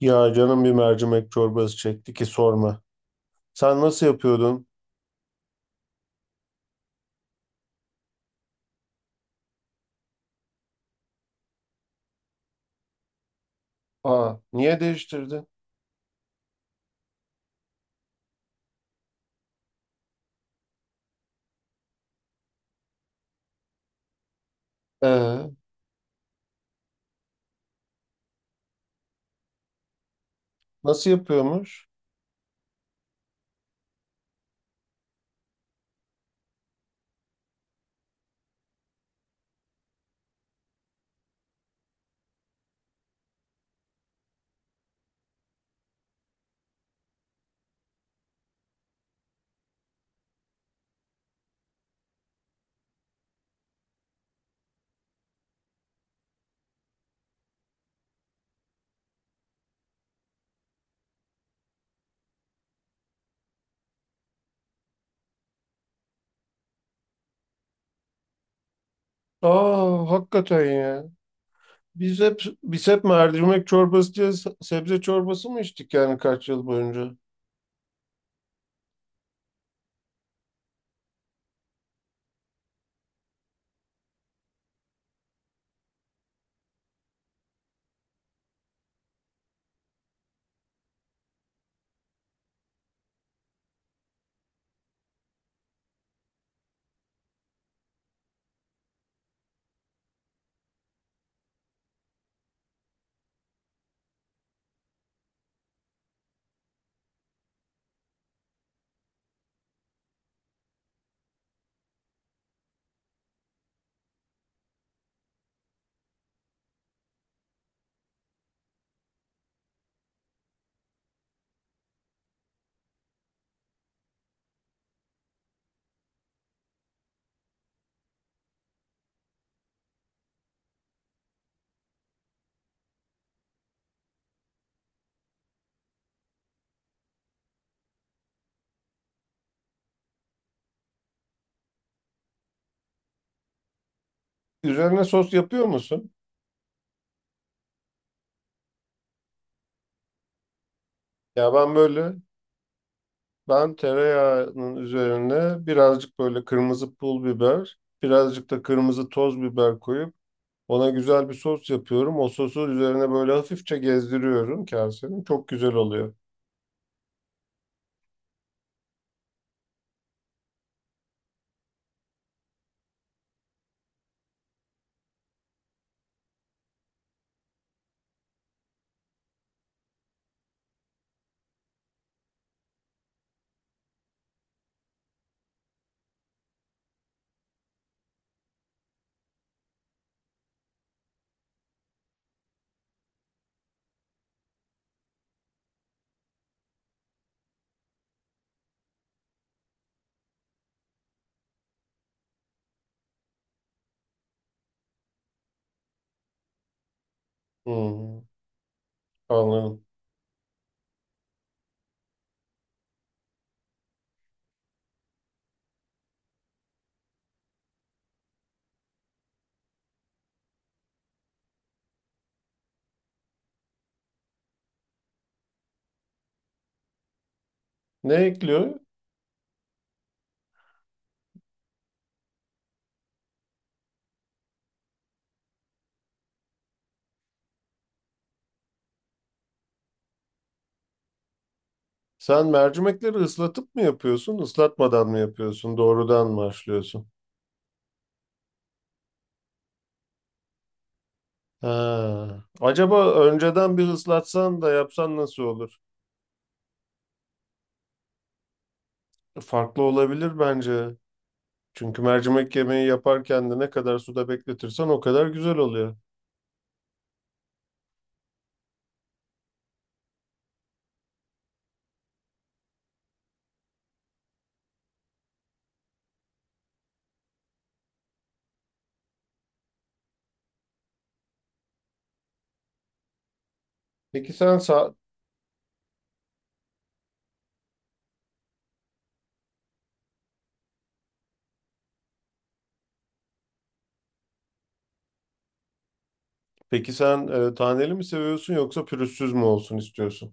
Ya canım bir mercimek çorbası çekti ki sorma. Sen nasıl yapıyordun? Aa, niye değiştirdin? Ee, nasıl yapıyormuş? Aa, hakikaten ya. Biz hep biz hep mercimek çorbası diye sebze çorbası mı içtik yani kaç yıl boyunca? Üzerine sos yapıyor musun? Ya ben böyle ben tereyağının üzerine birazcık böyle kırmızı pul biber, birazcık da kırmızı toz biber koyup ona güzel bir sos yapıyorum. O sosu üzerine böyle hafifçe gezdiriyorum kasenin. Çok güzel oluyor. Hmm, anladım. Ne ekliyor? Sen mercimekleri ıslatıp mı yapıyorsun, ıslatmadan mı yapıyorsun, doğrudan mı haşlıyorsun? Ha. Acaba önceden bir ıslatsan da yapsan nasıl olur? Farklı olabilir bence. Çünkü mercimek yemeği yaparken de ne kadar suda bekletirsen o kadar güzel oluyor. Peki sen peki sen taneli mi seviyorsun yoksa pürüzsüz mü olsun istiyorsun?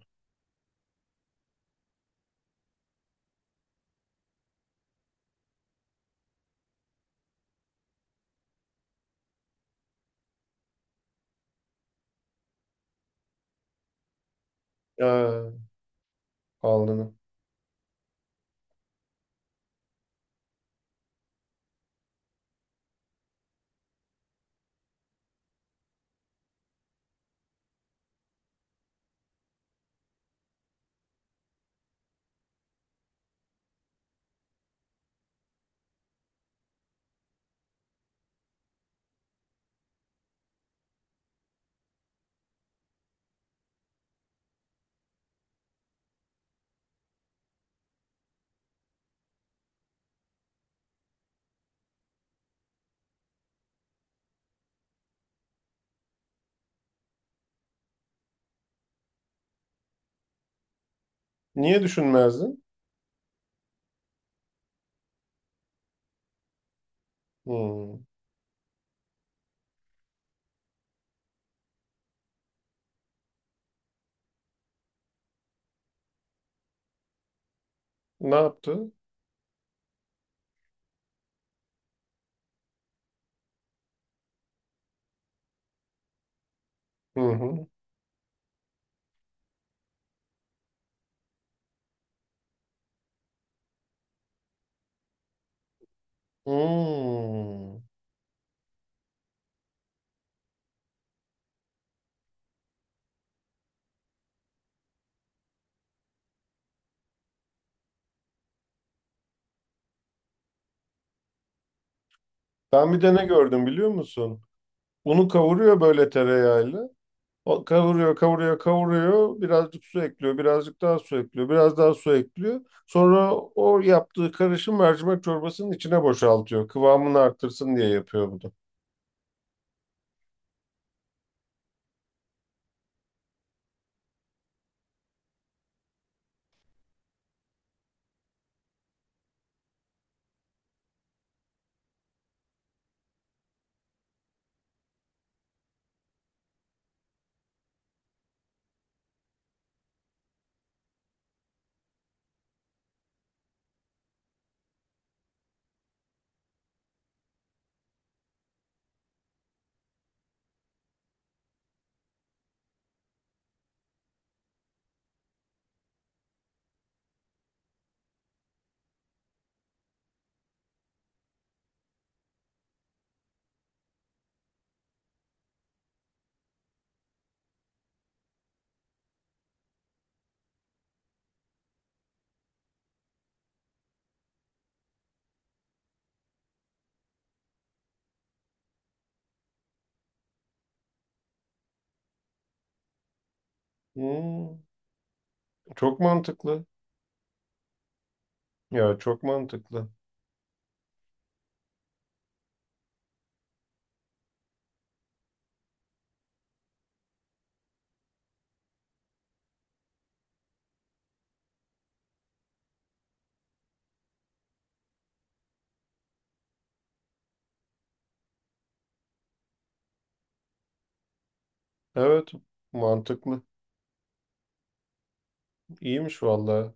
Ha. Anladım. Niye düşünmezdin? Hmm. Ne yaptı? Hı hı. Hmm. Ben bir de ne gördüm biliyor musun? Unu kavuruyor böyle tereyağıyla. O kavuruyor, kavuruyor, kavuruyor. Birazcık su ekliyor, birazcık daha su ekliyor, biraz daha su ekliyor. Sonra o yaptığı karışım mercimek çorbasının içine boşaltıyor. Kıvamını arttırsın diye yapıyor bunu. Hmm. Çok mantıklı. Ya çok mantıklı. Evet, mantıklı. İyiymiş vallahi.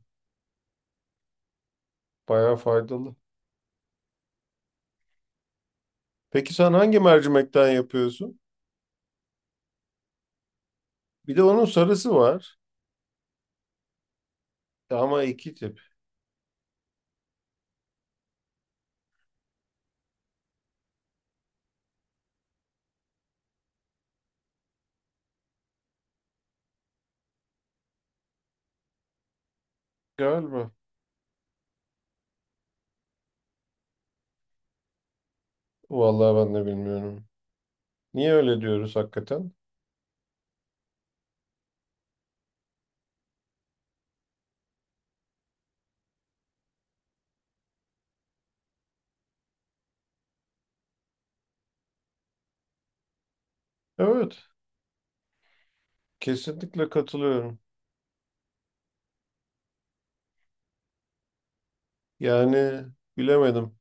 Bayağı faydalı. Peki sen hangi mercimekten yapıyorsun? Bir de onun sarısı var. E ama iki tip. Galiba. Vallahi ben de bilmiyorum. Niye öyle diyoruz hakikaten? Evet. Kesinlikle katılıyorum. Yani bilemedim.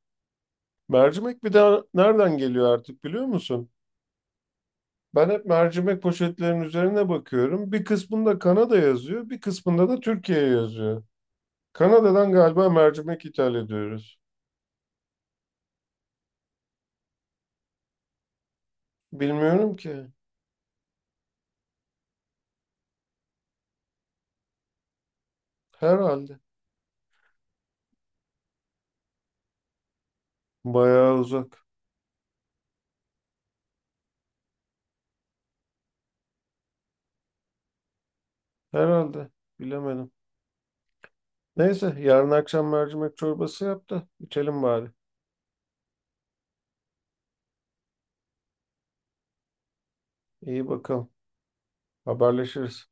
Mercimek bir de nereden geliyor artık biliyor musun? Ben hep mercimek poşetlerinin üzerine bakıyorum. Bir kısmında Kanada yazıyor, bir kısmında da Türkiye yazıyor. Kanada'dan galiba mercimek ithal ediyoruz. Bilmiyorum ki. Herhalde. Bayağı uzak. Herhalde. Bilemedim. Neyse, yarın akşam mercimek çorbası yap da içelim bari. İyi bakalım. Haberleşiriz.